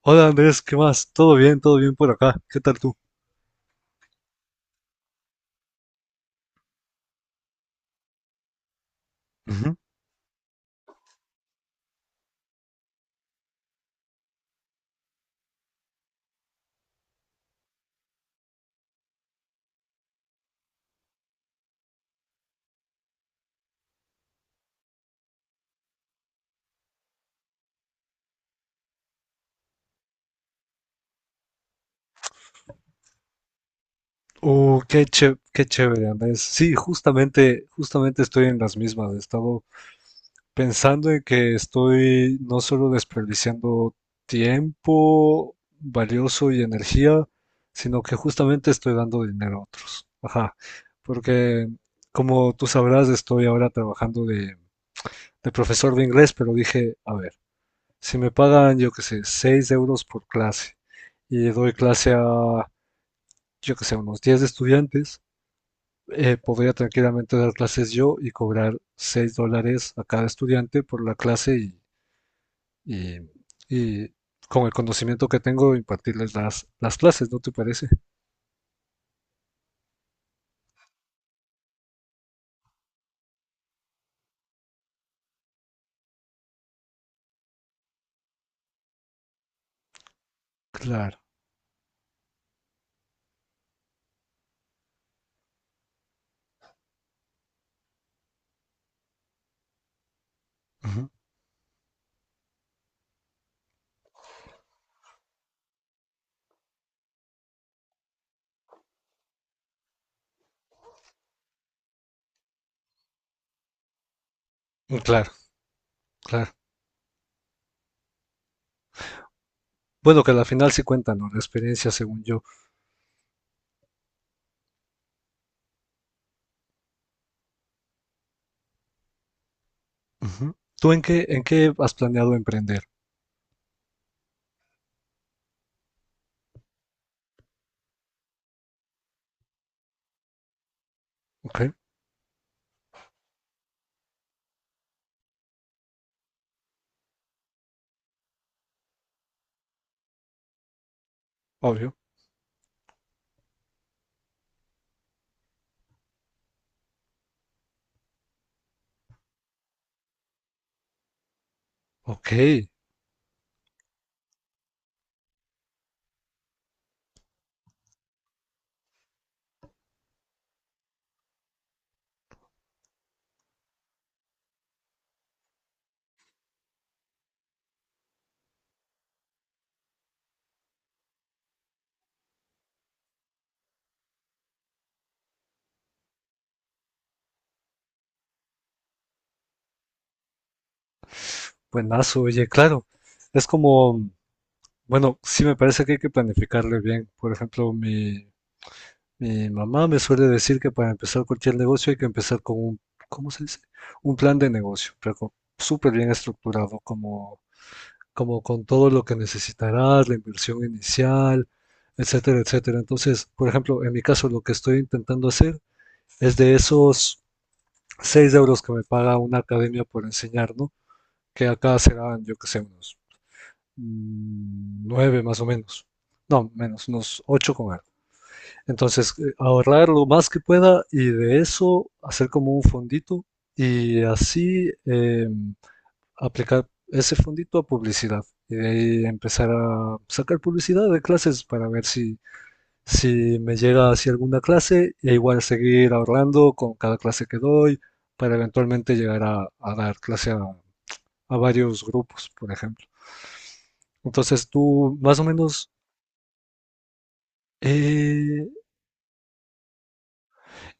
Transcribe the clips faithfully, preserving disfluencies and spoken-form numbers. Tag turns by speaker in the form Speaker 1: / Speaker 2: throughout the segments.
Speaker 1: Hola Andrés, ¿qué más? ¿Todo bien? ¿Todo bien por acá? ¿Qué tal tú? Ujú. Uh, qué ché- qué chévere, Andrés. Sí, justamente, justamente estoy en las mismas. He estado pensando en que estoy no solo desperdiciando tiempo valioso y energía, sino que justamente estoy dando dinero a otro. Ajá. Porque, como tú sabrás, estoy ahora trabajando de, de profesor de inglés, pero dije, a ver. Si me pagan, yo qué sé, seis euros por clase y doy clase a, yo qué sé, unos diez estudiantes, eh, podría tranquilamente dar clases yo y cobrar seis dólares a cada estudiante por la clase y, y- y con el conocimiento que tengo impartirles las, las clases, ¿no te parece? Claro. Ujú. Claro, claro. Bueno, que al final sí cuenta, ¿no? La experiencia, según yo. Ujú. ¿Tú en qué, en qué has planeado emprender? Ok, obvio. Ok. Buenazo, oye, claro. Es como, bueno, sí me parece que hay que planificarle bien. Por ejemplo, mi, mi mamá me suele decir que para empezar cualquier negocio hay que empezar con un, ¿cómo se dice? Un plan de negocio, pero con- súper bien estructurado, como, como con todo lo que necesitarás, la inversión inicial, etcétera, etcétera. Entonces, por ejemplo, en mi caso, lo que estoy intentando hacer es de esos seis euros que me paga una academia por enseñar, ¿no? Que acá serán, yo que sé, unos. mm, nueve más o menos. No, menos, unos ocho con algo. Entonces, eh, ahorrar lo más que pueda y de eso hacer como un fondito y así eh, aplicar ese fondito a publicidad. Y de ahí empezar a sacar publicidad de clases para ver si, si me llega hacia alguna clase e igual seguir ahorrando con cada clase que doy para eventualmente llegar a, a dar clase a, a varios grupos, por ejemplo. Entonces, tú más o menos. Eh,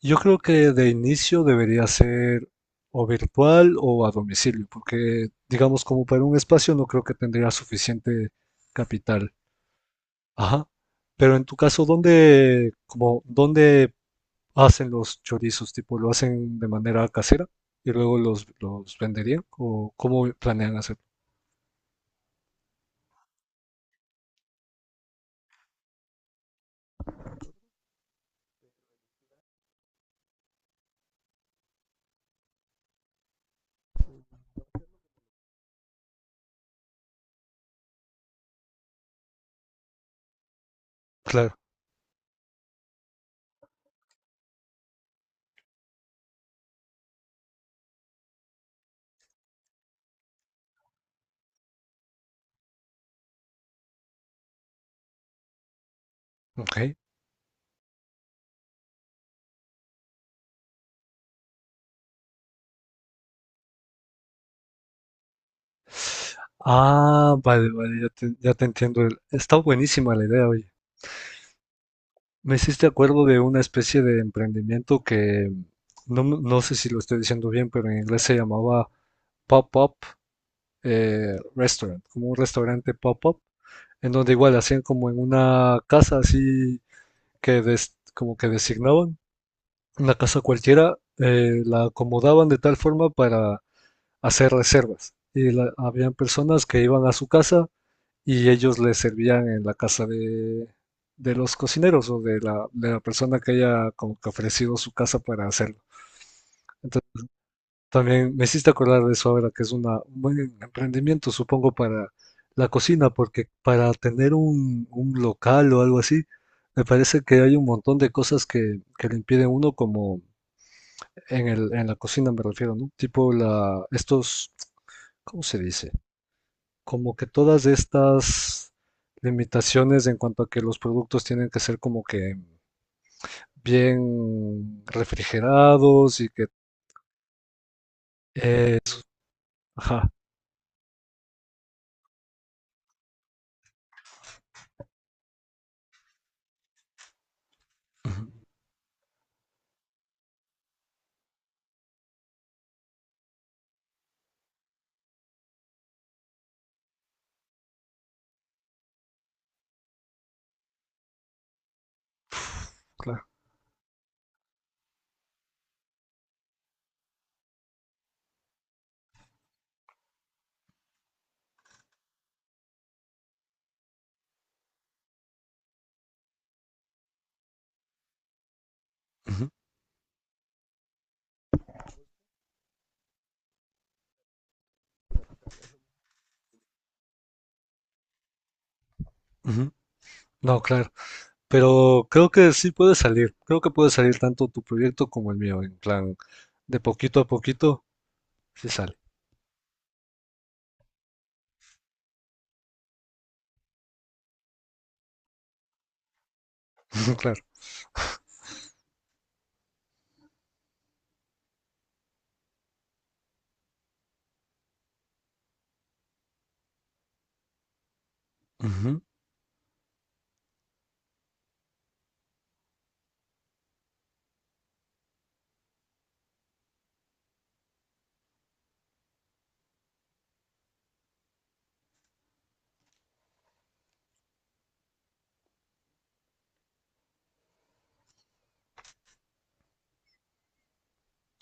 Speaker 1: yo creo que de inicio debería ser o virtual o a domicilio, porque digamos como para un espacio no creo que tendría suficiente capital. Ajá. Pero en tu caso, ¿dónde, como, dónde hacen los chorizos? Tipo, ¿lo hacen de manera casera y luego los, los venderían? ¿O cómo planean hacerlo? Claro. Ok. Ah, vale, vale, ya te, ya te entiendo. Está buenísima la idea, oye. Me hiciste acuerdo de una especie de emprendimiento que mm, no, m- no sé si lo estoy diciendo bien, pero en inglés se llamaba Pop-Up eh, Restaurant, como un restaurante pop-up, en donde igual hacían como en una casa así que des- como que designaban, una casa cualquiera, eh, la acomodaban de tal forma para hacer reservas. Y la- habían personas que iban a su casa y ellos les servían en la casa de, de los cocineros o de la, de la persona que haya como que ofrecido su casa para hacerlo. Entonces, también me hiciste acordar de eso ahora, que es una, un buen emprendimiento, supongo, para la cocina, porque para tener un, un local o algo así, me parece que hay un montón de cosas que, que le impiden a uno, como en el, en la cocina me refiero, ¿no? Tipo la, estos, ¿cómo se dice? Como que todas estas limitaciones en cuanto a que los productos tienen que ser como que bien refrigerados y que... eh, ajá, Ujú. Claro. Ujú. Ujú. No, claro. Pero creo que sí puede salir. Creo que puede salir tanto tu proyecto como el mío. En plan, de poquito a poquito, sí sale. Claro. Ujú.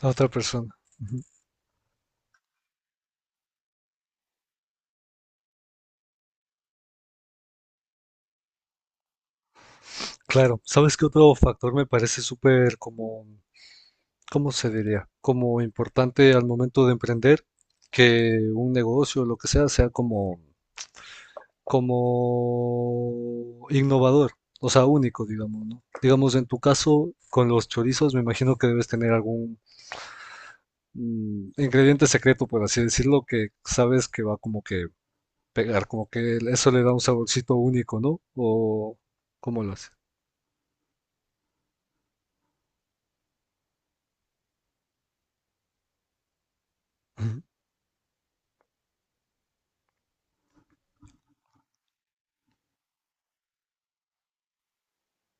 Speaker 1: A otra persona. Ujú. Claro. ¿Sabes qué otro factor me parece súper como ¿cómo se diría? Como importante al momento de emprender, que un negocio, lo que sea, sea como, como innovador, o sea, único, digamos, ¿no? Digamos, en tu caso, con los chorizos, me imagino que debes tener algún mm, ingrediente secreto, por así decirlo, que sabes que va como que pegar, como que eso le da un saborcito único, ¿no? O, ¿cómo lo hace? Ujú.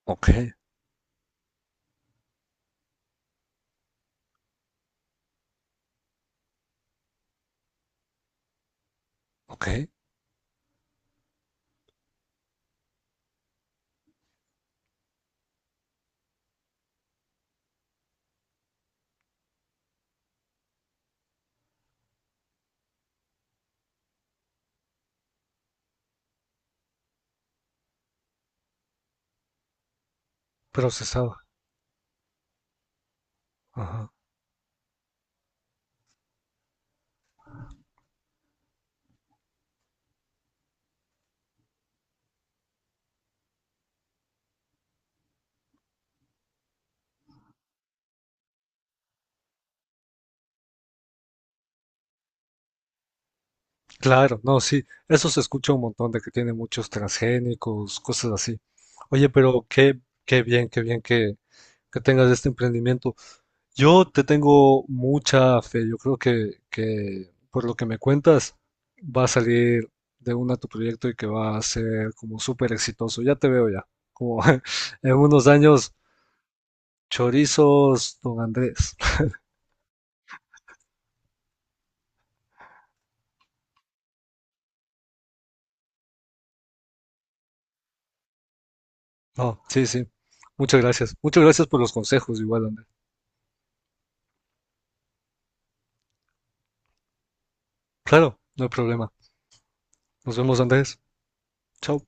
Speaker 1: Ok, ok. Procesado. Claro, no, sí, eso se escucha un montón de que tiene muchos transgénicos, cosas así. Oye, pero qué, qué bien, qué bien que, que tengas este emprendimiento. Yo te tengo mucha fe, yo creo que, que por lo que me cuentas va a salir de una tu proyecto y que va a ser como súper exitoso. Ya te veo ya, como en unos años, chorizos, don Andrés. No, sí, sí, muchas gracias. Muchas gracias por los consejos, igual, Andrés. Claro, no hay problema. Nos vemos, Andrés. Chao.